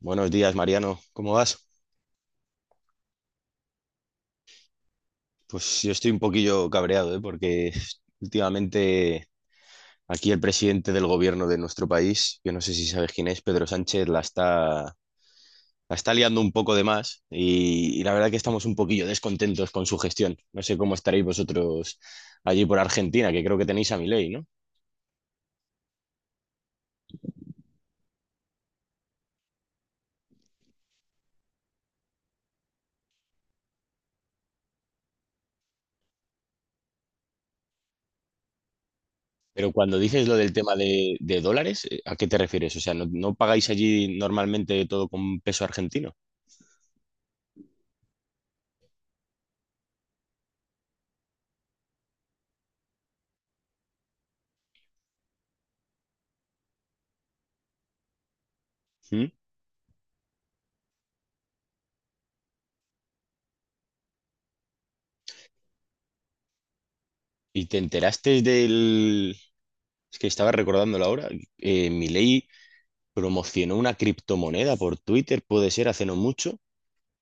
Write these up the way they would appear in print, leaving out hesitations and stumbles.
Buenos días, Mariano. ¿Cómo vas? Pues yo estoy un poquillo cabreado, ¿eh? Porque últimamente aquí el presidente del gobierno de nuestro país, yo no sé si sabes quién es, Pedro Sánchez, la está liando un poco de más y la verdad que estamos un poquillo descontentos con su gestión. No sé cómo estaréis vosotros allí por Argentina, que creo que tenéis a Milei, ¿no? Pero cuando dices lo del tema de dólares, ¿a qué te refieres? O sea, ¿no, no pagáis allí normalmente todo con peso argentino? ¿Mm? ¿Y te enteraste del? Es que estaba recordándolo ahora. Milei promocionó una criptomoneda por Twitter, puede ser, hace no mucho.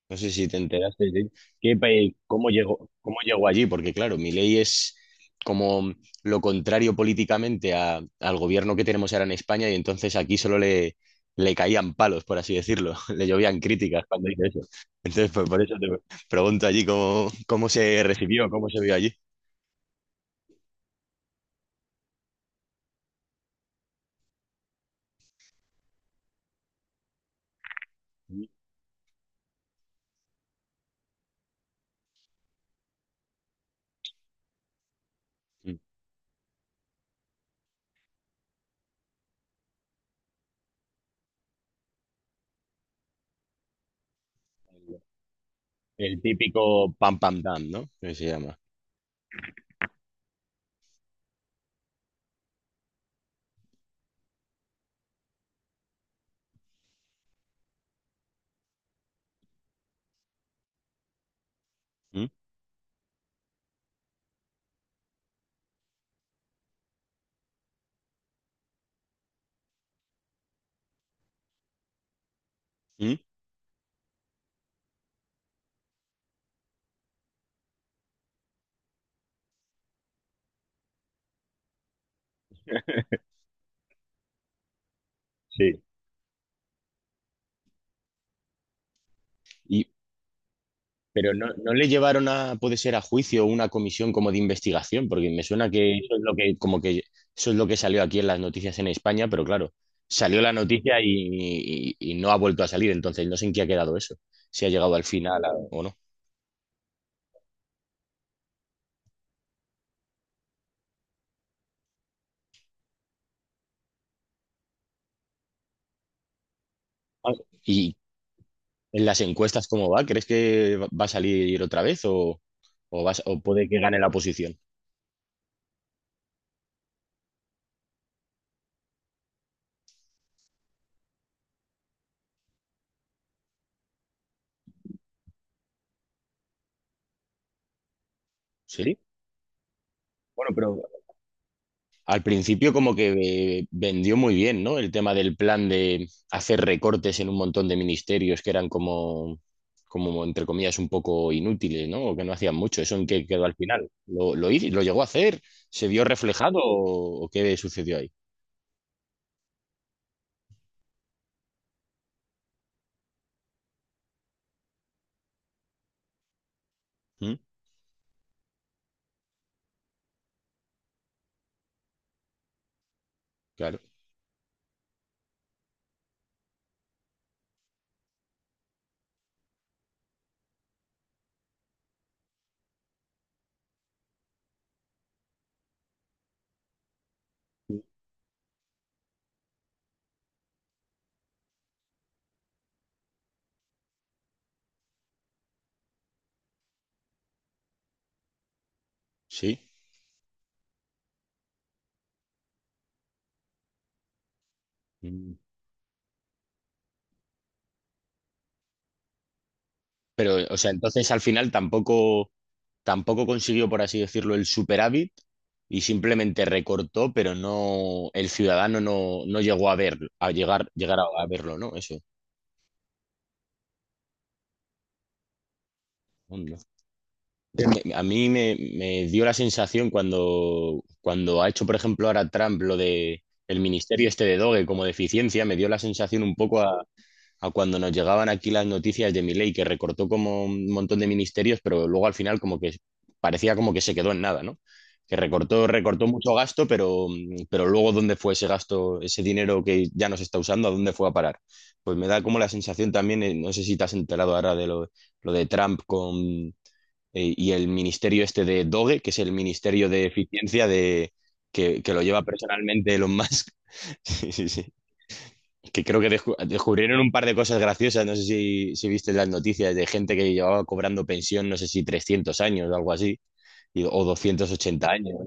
No sé si te enteraste de qué país, cómo llegó allí, porque claro, Milei es como lo contrario políticamente al gobierno que tenemos ahora en España y entonces aquí solo le caían palos, por así decirlo. Le llovían críticas cuando hizo eso. Entonces, pues por eso te pregunto allí cómo, cómo se recibió, cómo se vio allí. El típico pam pam dam, ¿no? Que se llama. ¿Mm? ¿Mm? Sí. Y, pero no, no le llevaron a, puede ser, a juicio o una comisión como de investigación, porque me suena que eso es lo que, como que eso es lo que salió aquí en las noticias en España, pero claro, salió la noticia y no ha vuelto a salir, entonces no sé en qué ha quedado eso, si ha llegado al final o no. Ah, y en las encuestas, ¿cómo va? ¿Crees que va a salir otra vez o, o puede que gane la oposición? ¿Sí? Bueno, pero al principio como que vendió muy bien, ¿no? El tema del plan de hacer recortes en un montón de ministerios que eran como, como entre comillas, un poco inútiles, ¿no? O que no hacían mucho. ¿Eso en qué quedó al final? ¿Lo llegó a hacer? ¿Se vio reflejado o qué sucedió ahí? ¿Mm? Claro, sí. Mm. Pero, o sea, entonces al final tampoco consiguió, por así decirlo, el superávit y simplemente recortó, pero no, el ciudadano no, no llegó a verlo, a llegar a verlo, ¿no? Eso. Onda. A mí me dio la sensación cuando, cuando ha hecho, por ejemplo, ahora Trump lo de el ministerio este de Doge como deficiencia, me dio la sensación un poco a cuando nos llegaban aquí las noticias de Milei, que recortó como un montón de ministerios, pero luego al final como que parecía como que se quedó en nada, ¿no? Que recortó, recortó mucho gasto, pero luego dónde fue ese gasto, ese dinero que ya no se está usando, a dónde fue a parar. Pues me da como la sensación también, no sé si te has enterado ahora de lo de Trump con, y el ministerio este de Doge, que es el ministerio de eficiencia de, que lo lleva personalmente Elon Musk. Sí, sí, sí que creo que descubrieron un par de cosas graciosas. No sé si, si viste las noticias de gente que llevaba cobrando pensión, no sé si 300 años o algo así, o 280 años.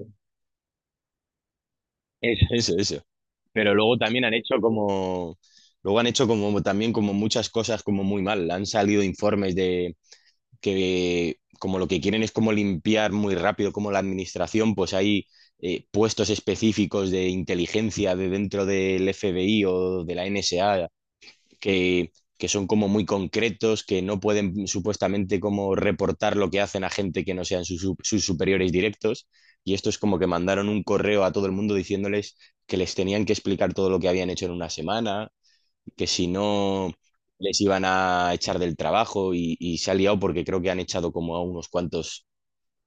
Eso, eso, eso. Pero luego también han hecho como, luego han hecho como también como muchas cosas como muy mal. Han salido informes de que como lo que quieren es como limpiar muy rápido como la administración, pues hay puestos específicos de inteligencia de dentro del FBI o de la NSA que, que son como muy concretos, que no pueden supuestamente como reportar lo que hacen a gente que no sean sus superiores directos. Y esto es como que mandaron un correo a todo el mundo diciéndoles que les tenían que explicar todo lo que habían hecho en una semana, que si no les iban a echar del trabajo y se ha liado porque creo que han echado como a unos cuantos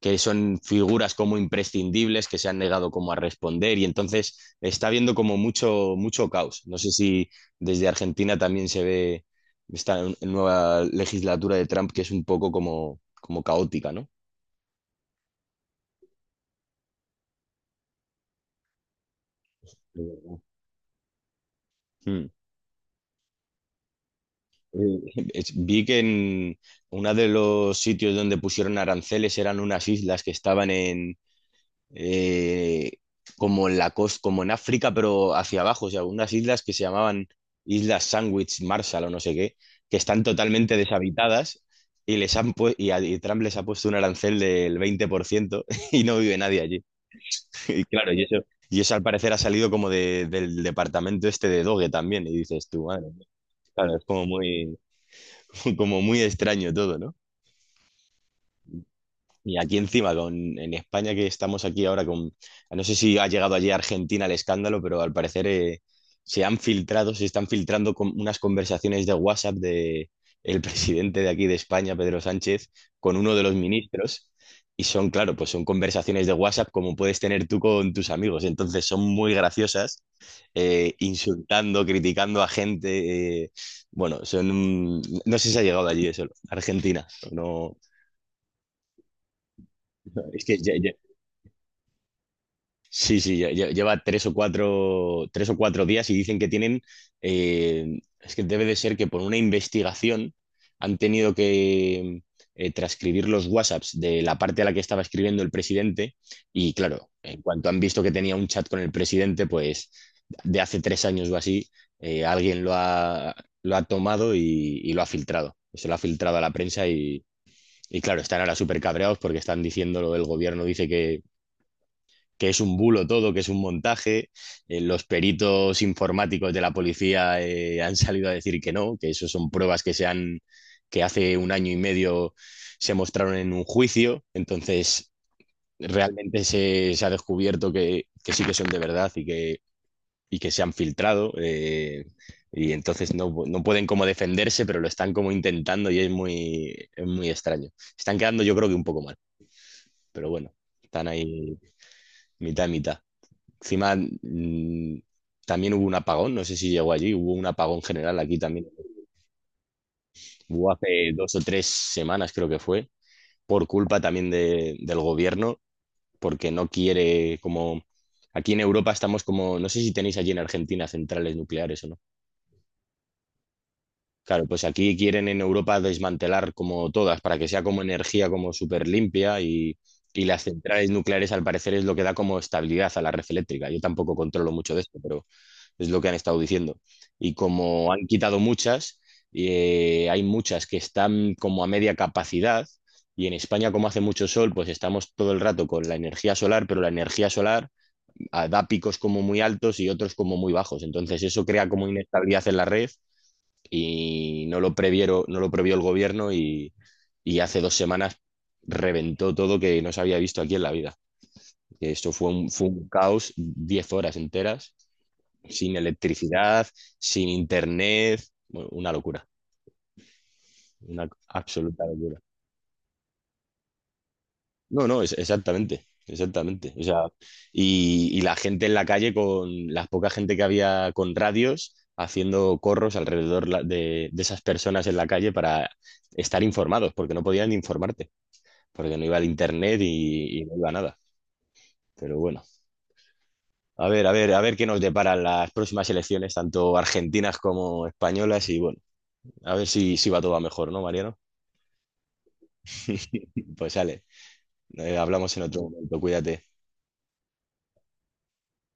que son figuras como imprescindibles que se han negado como a responder y entonces está habiendo como mucho, mucho caos. No sé si desde Argentina también se ve esta nueva legislatura de Trump que es un poco como, como caótica, ¿no? Mm. Eh, Vi que en uno de los sitios donde pusieron aranceles eran unas islas que estaban en, eh, como en la costa, como en África, pero hacia abajo, o sea, unas islas que se llamaban Islas Sandwich, Marshall o no sé qué, que están totalmente deshabitadas y les han pu- y, a- y Trump les ha puesto un arancel del 20% y no vive nadie allí. Y claro, y eso al parecer ha salido como del departamento este de Doge también, y dices tú, madre mía. Claro, es como muy, como muy extraño todo, ¿no? Y aquí encima, con, en España que estamos aquí ahora con, no sé si ha llegado allí a Argentina el escándalo, pero al parecer se han filtrado, se están filtrando con unas conversaciones de WhatsApp de el presidente de aquí de España, Pedro Sánchez, con uno de los ministros. Y son, claro, pues son conversaciones de WhatsApp como puedes tener tú con tus amigos. Entonces son muy graciosas, insultando, criticando a gente. Bueno, son... No sé si ha llegado allí eso, Argentina. No, no, es que sí, sí, lleva tres o cuatro días y dicen que tienen, es que debe de ser que por una investigación han tenido que transcribir los WhatsApps de la parte a la que estaba escribiendo el presidente y claro, en cuanto han visto que tenía un chat con el presidente, pues de hace 3 años o así, alguien lo ha tomado y lo ha filtrado, se lo ha filtrado a la prensa y claro, están ahora súper cabreados porque están diciéndolo, el gobierno dice que es un bulo todo, que es un montaje. Los peritos informáticos de la policía han salido a decir que no, que eso son pruebas que que hace un año y medio se mostraron en un juicio. Entonces, realmente se, se ha descubierto que sí que son de verdad y que se han filtrado. Y entonces no, no pueden como defenderse, pero lo están como intentando y es muy extraño. Están quedando yo creo que un poco mal, pero bueno, están ahí mitad y mitad. Encima, también hubo un apagón, no sé si llegó allí, hubo un apagón general aquí también. Hubo hace 2 o 3 semanas, creo que fue, por culpa también del gobierno, porque no quiere, como aquí en Europa estamos como, no sé si tenéis allí en Argentina centrales nucleares o no. Claro, pues aquí quieren en Europa desmantelar como todas, para que sea como energía como súper limpia y las centrales nucleares al parecer es lo que da como estabilidad a la red eléctrica. Yo tampoco controlo mucho de esto, pero es lo que han estado diciendo. Y como han quitado muchas, hay muchas que están como a media capacidad y en España como hace mucho sol, pues estamos todo el rato con la energía solar, pero la energía solar ah, da picos como muy altos y otros como muy bajos. Entonces eso crea como inestabilidad en la red y no lo previeron, no lo previó el gobierno y hace 2 semanas reventó todo que no se había visto aquí en la vida. Esto fue un caos, 10 horas enteras sin electricidad, sin internet, bueno, una locura, una absoluta locura. No, no, exactamente, exactamente. O sea, y la gente en la calle con la poca gente que había con radios haciendo corros alrededor de esas personas en la calle para estar informados, porque no podían informarte, porque no iba el internet y no iba nada. Pero bueno, a ver, a ver, a ver qué nos deparan las próximas elecciones, tanto argentinas como españolas, y bueno, a ver si va todo a mejor, ¿no, Mariano? Pues sale, hablamos en otro momento, cuídate.